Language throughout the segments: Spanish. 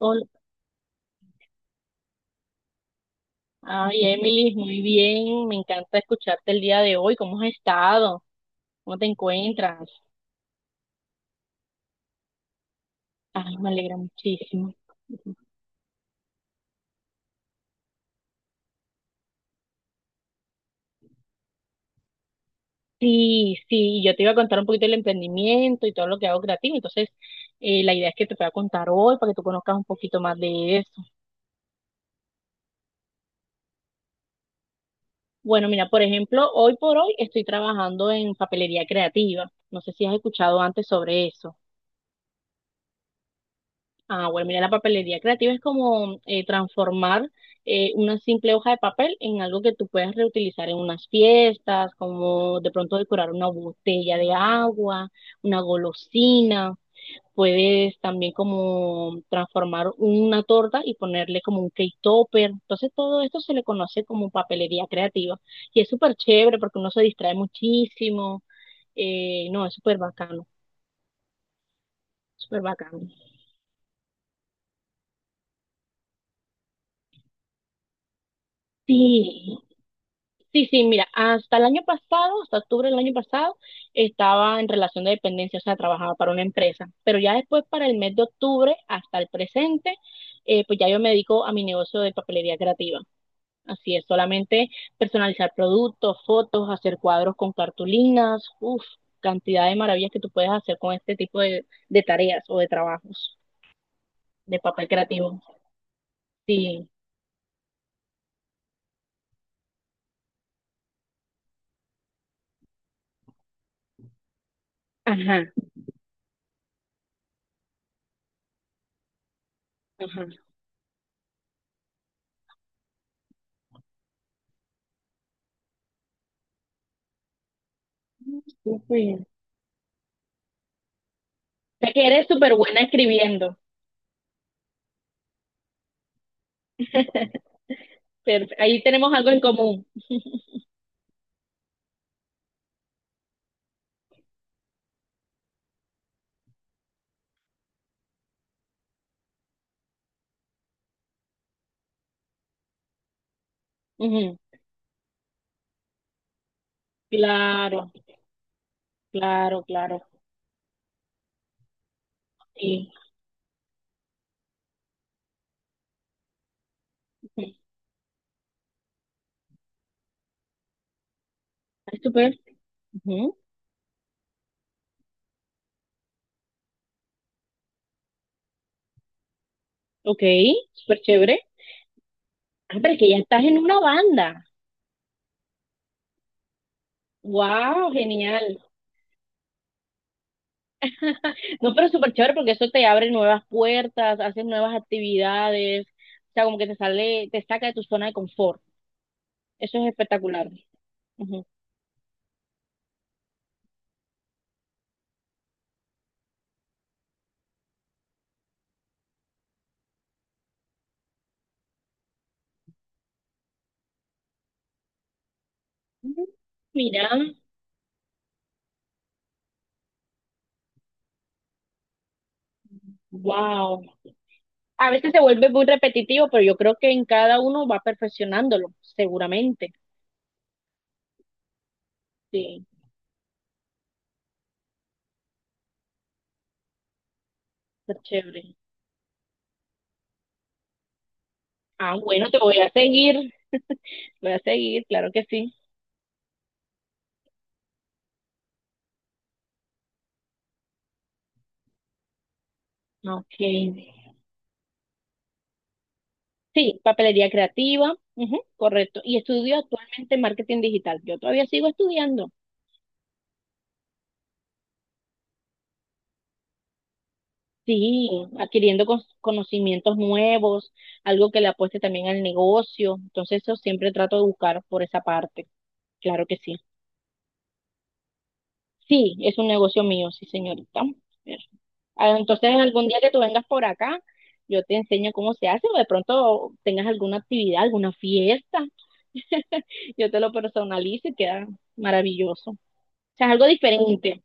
Hola. Ay, Emily, muy bien. Me encanta escucharte el día de hoy. ¿Cómo has estado? ¿Cómo te encuentras? Ay, me alegra muchísimo. Sí, sí, yo te iba a contar un poquito del emprendimiento y todo lo que hago creativo. Entonces, la idea es que te pueda contar hoy para que tú conozcas un poquito más de eso. Bueno, mira, por ejemplo, hoy por hoy estoy trabajando en papelería creativa. No sé si has escuchado antes sobre eso. Ah, bueno, mira, la papelería creativa es como transformar una simple hoja de papel en algo que tú puedas reutilizar en unas fiestas, como de pronto decorar una botella de agua, una golosina. Puedes también como transformar una torta y ponerle como un cake topper. Entonces todo esto se le conoce como papelería creativa y es súper chévere porque uno se distrae muchísimo. No, es súper bacano, súper bacano. Sí. Sí, sí, mira, hasta el año pasado, hasta octubre del año pasado, estaba en relación de dependencia, o sea, trabajaba para una empresa, pero ya después para el mes de octubre hasta el presente, pues ya yo me dedico a mi negocio de papelería creativa. Así es, solamente personalizar productos, fotos, hacer cuadros con cartulinas, uff, cantidad de maravillas que tú puedes hacer con este tipo de tareas o de trabajos de papel creativo. Sí, ajá, ajá. Súper. O sea que eres súper buena escribiendo. Pero ahí tenemos algo en común. Ujú. Claro, claro, claro. Sí. Ujú. Ah, súper. Ujú. Ok, súper chévere. Ah, pero es que ya estás en una banda. Wow, genial. No, pero súper chévere porque eso te abre nuevas puertas, haces nuevas actividades. O sea, como que te sale, te saca de tu zona de confort. Eso es espectacular. Ujú. Mira, wow. A veces se vuelve muy repetitivo, pero yo creo que en cada uno va perfeccionándolo, seguramente. Sí. Está chévere. Ah, bueno, te voy a seguir, claro que sí. Ok. Sí, papelería creativa, ujú, correcto. Y estudio actualmente marketing digital. Yo todavía sigo estudiando. Sí, adquiriendo conocimientos nuevos, algo que le apueste también al negocio. Entonces, eso siempre trato de buscar por esa parte. Claro que sí. Sí, es un negocio mío, sí, señorita. Ver. Ah, entonces, algún día que tú vengas por acá, yo te enseño cómo se hace o de pronto tengas alguna actividad, alguna fiesta. Yo te lo personalizo y queda maravilloso. O sea, es algo diferente.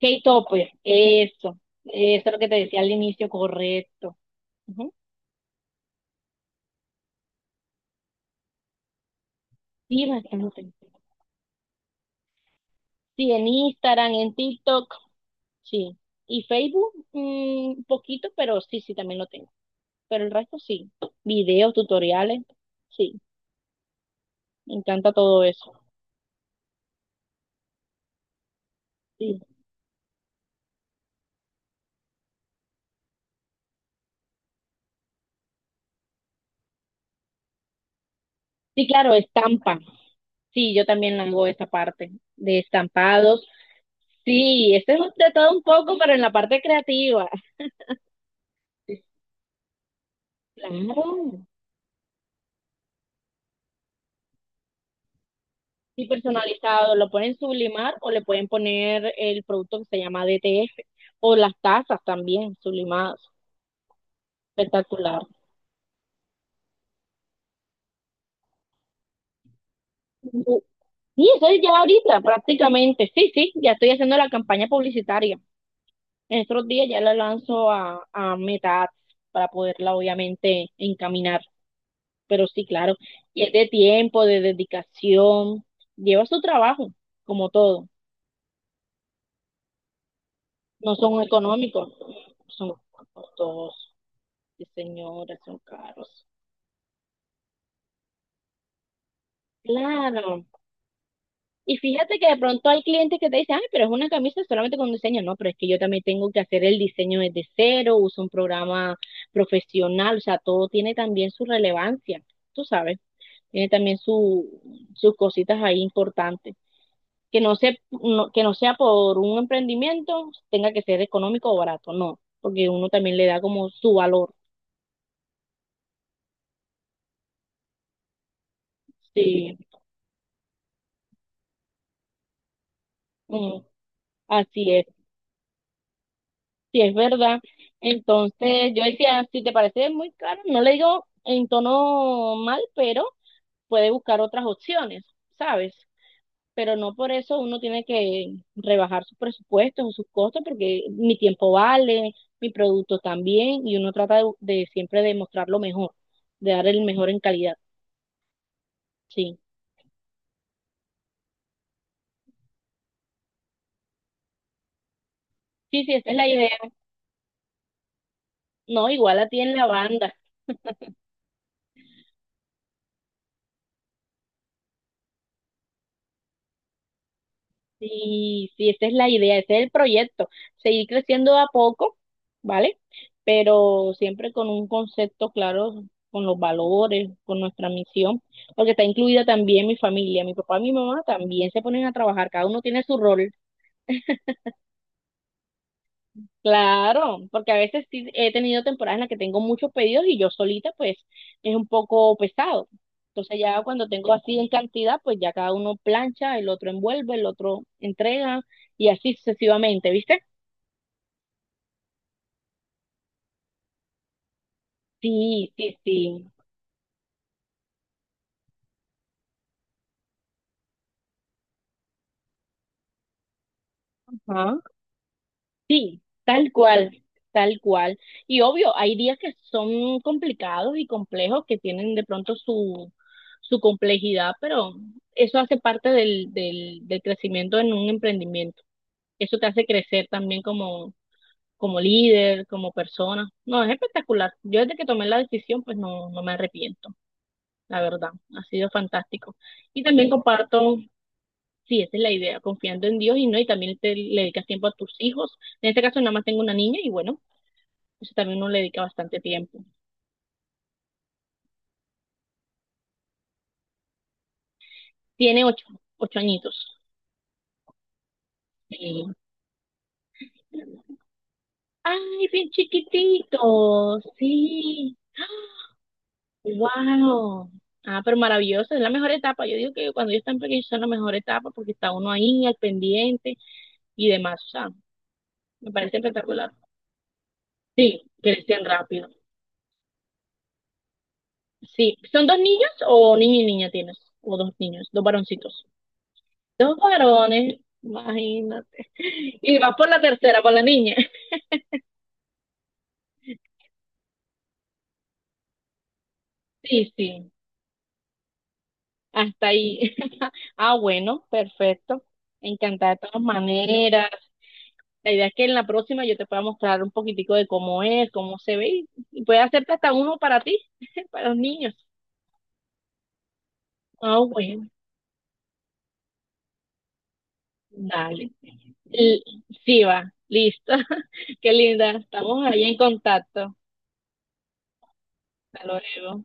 K-Topper, eso. Eso es lo que te decía al inicio, correcto. Ujú. Sí, bastante. Sí, en Instagram, en TikTok, sí. Y Facebook, un poquito, pero sí, sí, también lo tengo. Pero el resto sí. Videos, tutoriales, sí. Me encanta todo eso. Sí, sí, claro, estampa. Sí, yo también hago esa parte de estampados. Sí, este es de todo un poco, pero en la parte creativa. Claro. Y personalizado, lo pueden sublimar o le pueden poner el producto que se llama DTF o las tazas también sublimadas. Espectacular. Sí, eso es ya ahorita prácticamente. Sí, sí, ya estoy haciendo la campaña publicitaria. En estos días ya la lanzo a Meta Ads para poderla obviamente encaminar. Pero sí, claro, y es de tiempo, de dedicación, lleva su trabajo, como todo. No son económicos, son costosos. Sí, señora, son caros. Claro. Y fíjate que de pronto hay clientes que te dicen, ay, pero es una camisa solamente con diseño. No, pero es que yo también tengo que hacer el diseño desde cero, uso un programa profesional, o sea, todo tiene también su relevancia, tú sabes. Tiene también sus cositas ahí importantes. Que no sea por un emprendimiento, tenga que ser económico o barato, no, porque uno también le da como su valor. Sí. Ujú. Así es. Sí, es verdad. Entonces yo decía, si te parece muy caro, no le digo en tono mal, pero puede buscar otras opciones, ¿sabes? Pero no por eso uno tiene que rebajar sus presupuestos o sus costos, porque mi tiempo vale, mi producto también, y uno trata de siempre de mostrar lo mejor, de dar el mejor en calidad. Sí, sí, sí, esa es la idea. No, igual a ti en la banda. Sí, sí, esa es la idea, ese es el proyecto, seguir creciendo de a poco, ¿vale? Pero siempre con un concepto claro, con los valores, con nuestra misión, porque está incluida también mi familia, mi papá y mi mamá también se ponen a trabajar, cada uno tiene su rol, claro, porque a veces sí he tenido temporadas en las que tengo muchos pedidos y yo solita pues es un poco pesado. Entonces ya cuando tengo así en cantidad, pues ya cada uno plancha, el otro envuelve, el otro entrega y así sucesivamente, ¿viste? Sí, sí, sí. Ajá. Sí, tal cual, tal cual. Y obvio, hay días que son complicados y complejos, que tienen de pronto su, su complejidad, pero eso hace parte del crecimiento en un emprendimiento. Eso te hace crecer también como líder, como persona. No, es espectacular. Yo desde que tomé la decisión, pues no, no me arrepiento, la verdad. Ha sido fantástico. Y también comparto. Sí, esa es la idea, confiando en Dios y no, y también te le dedicas tiempo a tus hijos. En este caso nada más tengo una niña y bueno, eso también uno le dedica bastante tiempo. Tiene 8, 8 añitos. Sí. Ay, bien chiquitito, sí. Wow. Ah, pero maravilloso, es la mejor etapa. Yo digo que cuando ellos están pequeños son la mejor etapa porque está uno ahí al pendiente y demás. O sea, me parece espectacular. Sí, crecen rápido. Sí, ¿son dos niños o niño y niña tienes? O dos niños, dos varoncitos. Dos varones, imagínate. Y vas por la tercera, por la niña. Sí, sí, hasta ahí. Ah, bueno, perfecto. Encantada de todas maneras. La idea es que en la próxima yo te pueda mostrar un poquitico de cómo es, cómo se ve y puede hacerte hasta uno para ti, para los niños. Ah, bueno, dale. L- sí, va, listo. Qué linda, estamos ahí en contacto. Hasta luego.